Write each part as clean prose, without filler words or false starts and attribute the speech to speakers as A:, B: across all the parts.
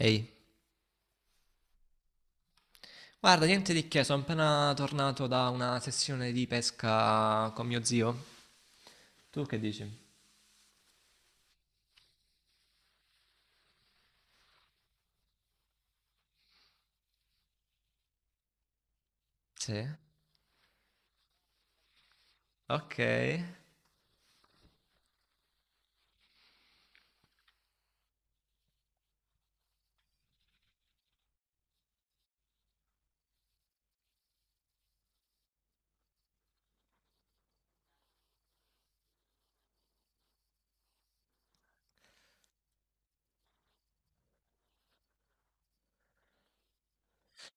A: Ehi, guarda, niente di che, sono appena tornato da una sessione di pesca con mio zio. Tu che dici? Sì. Ok.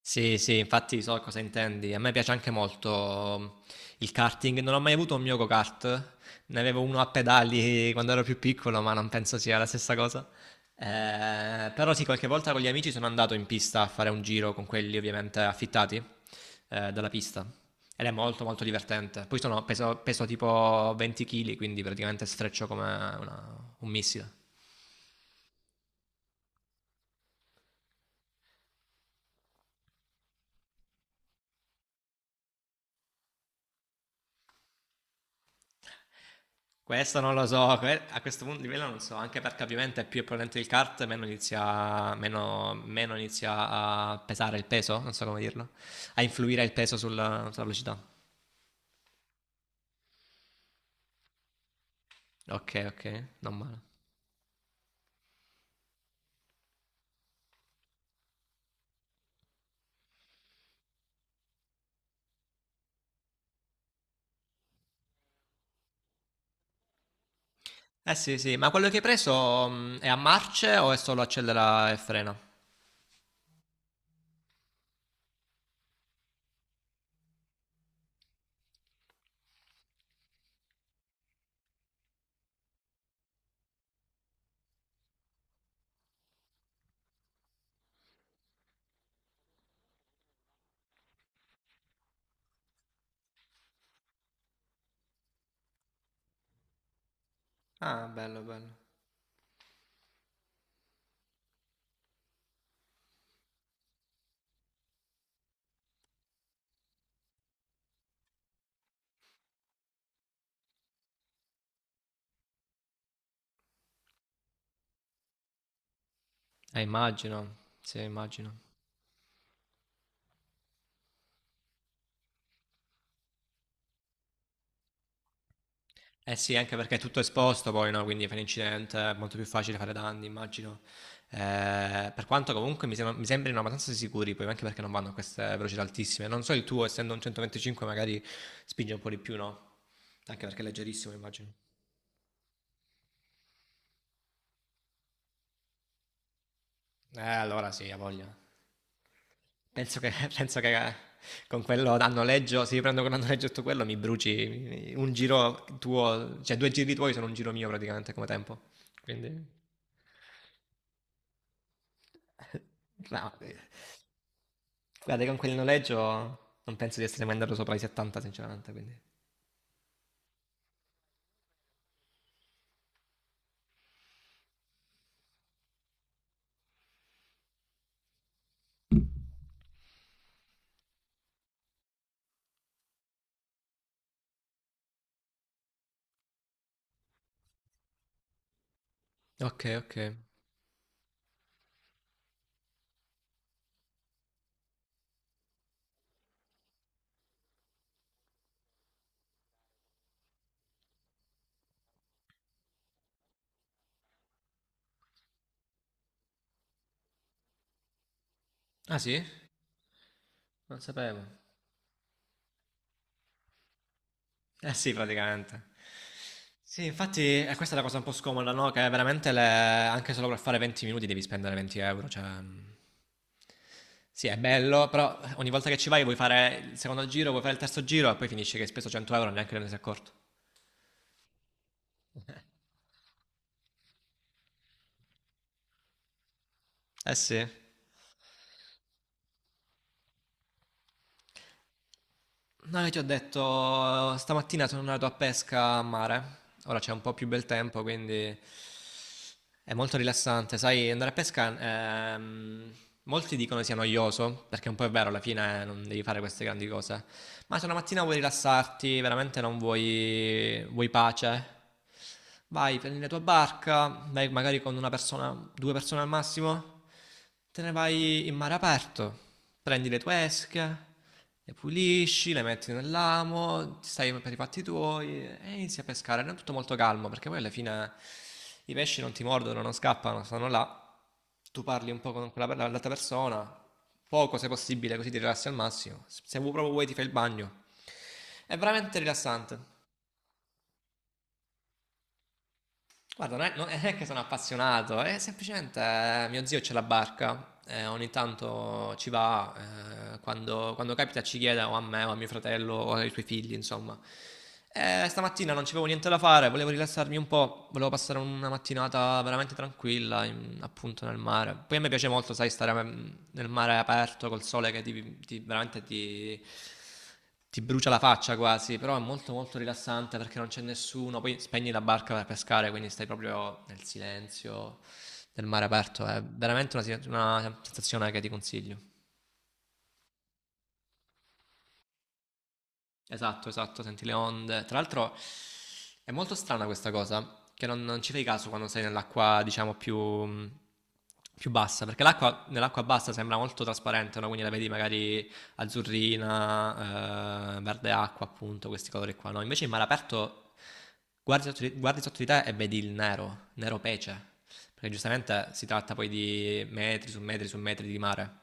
A: Sì, sì, infatti so cosa intendi. A me piace anche molto mm, il karting. Non ho mai avuto un mio go-kart. Ne avevo uno a pedali quando ero più piccolo, ma non penso sia la stessa cosa. Però sì, qualche volta con gli amici sono andato in pista a fare un giro con quelli ovviamente affittati dalla pista. Ed è molto molto divertente. Poi sono, peso, peso tipo 20 kg, quindi praticamente sfreccio come una- un missile. Questo non lo so, que- a questo punto livello non so, anche perché ovviamente più è potente il kart, meno inizia, meno, meno inizia a pesare il peso, non so come dirlo, a influire il peso sulla, sulla velocità. Ok, ok, non male. Eh sì, sì, ma quello che hai preso è a marce o è solo accelera e frena? Ah, bello, bello. Immagino, sì, immagino. Eh sì, anche perché è tutto esposto poi, no? Quindi fai un incidente, è molto più facile fare danni, immagino. Per quanto comunque mi, sembra- mi sembrino abbastanza sicuri, poi anche perché non vanno a queste velocità altissime. Non so il tuo, essendo un 125, magari spinge un po' di più, no? Anche perché è leggerissimo, immagino. Allora sì, ha voglia. Penso che, penso che con quello a noleggio, se io prendo con a noleggio tutto quello, mi bruci mi- un giro tuo, cioè due giri tuoi sono un giro mio praticamente come tempo. Quindi... No, eh. Guarda, con quel noleggio non penso di essere mai andato sopra i 70, sinceramente, quindi. Ok, ok. Ah sì? Non sapevo. Eh sì, praticamente. Sì, infatti, questa è la cosa un po' scomoda, no? Che veramente le- anche solo per fare 20 minuti devi spendere 20 euro, cioè.... Sì, è bello, però ogni volta che ci vai vuoi fare il secondo giro, vuoi fare il terzo giro e poi finisce che hai speso 100 euro e neanche te ne sei accorto. Eh sì. No, io ti ho detto, stamattina sono andato a pesca a mare. Ora c'è un po' più bel tempo, quindi è molto rilassante. Sai, andare a pesca, ehm, molti dicono sia noioso, perché un po' è vero, alla fine non devi fare queste grandi cose. Ma se una mattina vuoi rilassarti, veramente non vuoi, vuoi pace, vai, prendi la tua barca, vai magari con una persona, due persone al massimo, te ne vai in mare aperto, prendi le tue esche, le pulisci, le metti nell'amo, ti stai per i fatti tuoi e inizi a pescare. Non è tutto molto calmo perché poi alla fine i pesci non ti mordono, non scappano, stanno là. Tu parli un po' con quella, l'altra persona, poco se possibile, così ti rilassi al massimo. Se vuoi- proprio vuoi ti fai il bagno. È veramente rilassante. Guarda, non è, non è che sono appassionato, è semplicemente mio zio c'è la barca, ogni tanto ci va, quando, quando capita ci chiede o a me o a mio fratello o ai suoi figli, insomma. Stamattina non c'avevo niente da fare, volevo rilassarmi un po', volevo passare una mattinata veramente tranquilla, in- appunto nel mare. Poi a me piace molto, sai, stare mm, nel mare aperto col sole che ti- veramente ti, ti brucia la faccia quasi, però è molto molto rilassante perché non c'è nessuno, poi spegni la barca per pescare, quindi stai proprio nel silenzio del mare aperto, è veramente una sensazione che ti consiglio. Esatto, esatto, senti le onde. Tra l'altro è molto strana questa cosa, che non, non ci fai caso quando sei nell'acqua, diciamo, più, più bassa, perché l'acqua, nell'acqua bassa sembra molto trasparente, no? Quindi la vedi magari azzurrina, verde acqua, appunto, questi colori qua, no? Invece in mare aperto guardi sotto di te e vedi il nero, nero pece, perché giustamente si tratta poi di metri su metri su metri di mare.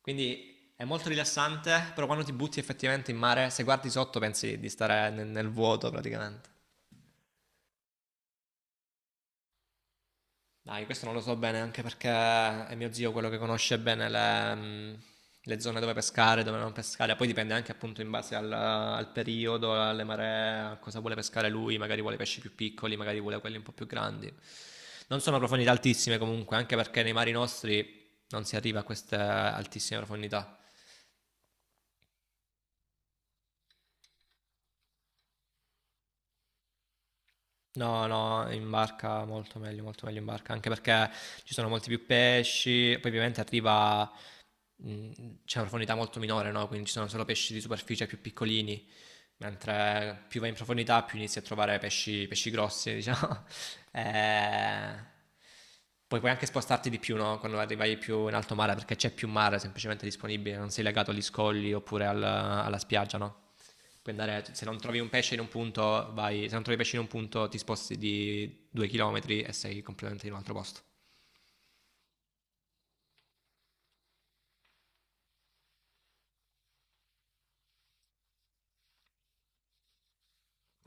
A: Quindi è molto rilassante, però quando ti butti effettivamente in mare, se guardi sotto pensi di stare nel, nel vuoto praticamente. Dai, questo non lo so bene anche perché è mio zio quello che conosce bene le zone dove pescare, dove non pescare. Poi dipende anche appunto in base al, al periodo, alle maree, a cosa vuole pescare lui. Magari vuole pesci più piccoli, magari vuole quelli un po' più grandi. Non sono profondità altissime comunque, anche perché nei mari nostri non si arriva a queste altissime profondità. No, no, in barca molto meglio in barca, anche perché ci sono molti più pesci, poi ovviamente arriva, mh, c'è una profondità molto minore, no? Quindi ci sono solo pesci di superficie più piccolini, mentre più vai in profondità più inizi a trovare pesci, pesci grossi, diciamo. Eh, poi puoi anche spostarti di più, no? Quando arrivai più in alto mare, perché c'è più mare semplicemente disponibile, non sei legato agli scogli oppure al- alla spiaggia, no? Puoi andare, se non trovi un pesce in un punto, vai, se non trovi pesce in un punto, ti sposti di 2 chilometri e sei completamente in un altro posto.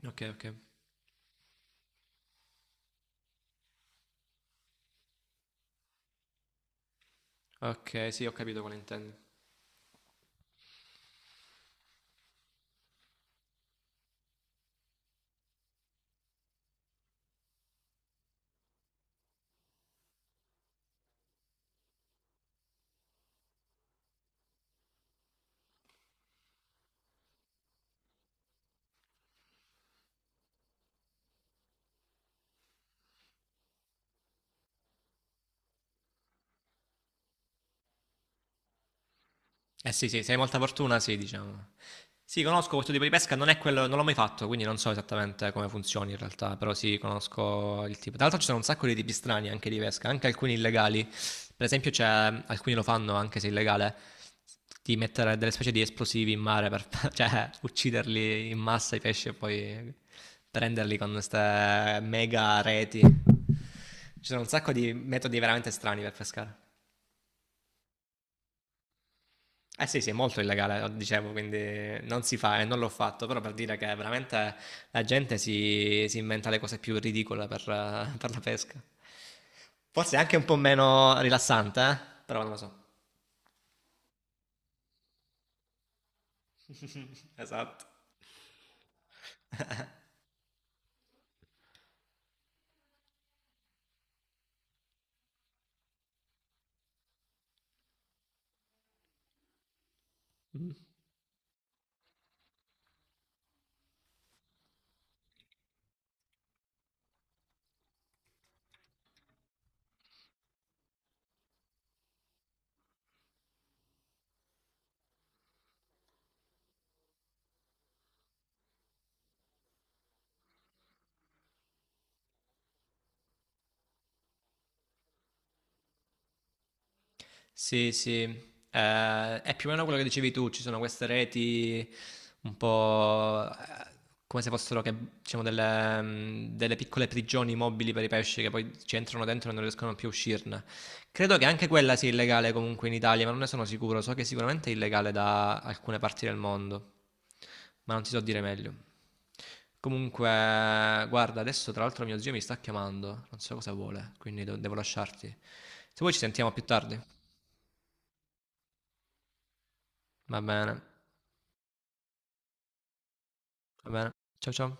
A: Ok, ok. Ok, sì, ho capito quale intendi. Eh sì, sì, se hai molta fortuna, sì, diciamo. Sì, conosco questo tipo di pesca, non è quello, non l'ho mai fatto, quindi non so esattamente come funzioni in realtà, però sì, conosco il tipo. Tra l'altro ci sono un sacco di tipi strani anche di pesca, anche alcuni illegali. Per esempio c'è, alcuni lo fanno anche se illegale, di mettere delle specie di esplosivi in mare per, cioè, ucciderli in massa i pesci e poi prenderli con queste mega reti. Ci sono un sacco di metodi veramente strani per pescare. Eh sì, sì, è molto illegale, dicevo, quindi non si fa e non l'ho fatto, però per dire che veramente la gente si, si inventa le cose più ridicole per la pesca. Forse è anche un po' meno rilassante, eh? Però non lo so. Esatto. Sì, sì, eh, è più o meno quello che dicevi tu, ci sono queste reti un po' come se fossero che, diciamo, delle, mm, delle piccole prigioni mobili per i pesci che poi ci entrano dentro e non riescono più a uscirne. Credo che anche quella sia illegale comunque in Italia, ma non ne sono sicuro, so che sicuramente è illegale da alcune parti del mondo, ma non ti so dire meglio. Comunque, guarda, adesso tra l'altro mio zio mi sta chiamando, non so cosa vuole, quindi do- devo lasciarti. Se vuoi ci sentiamo più tardi. Va bene, va bene. Ciao ciao.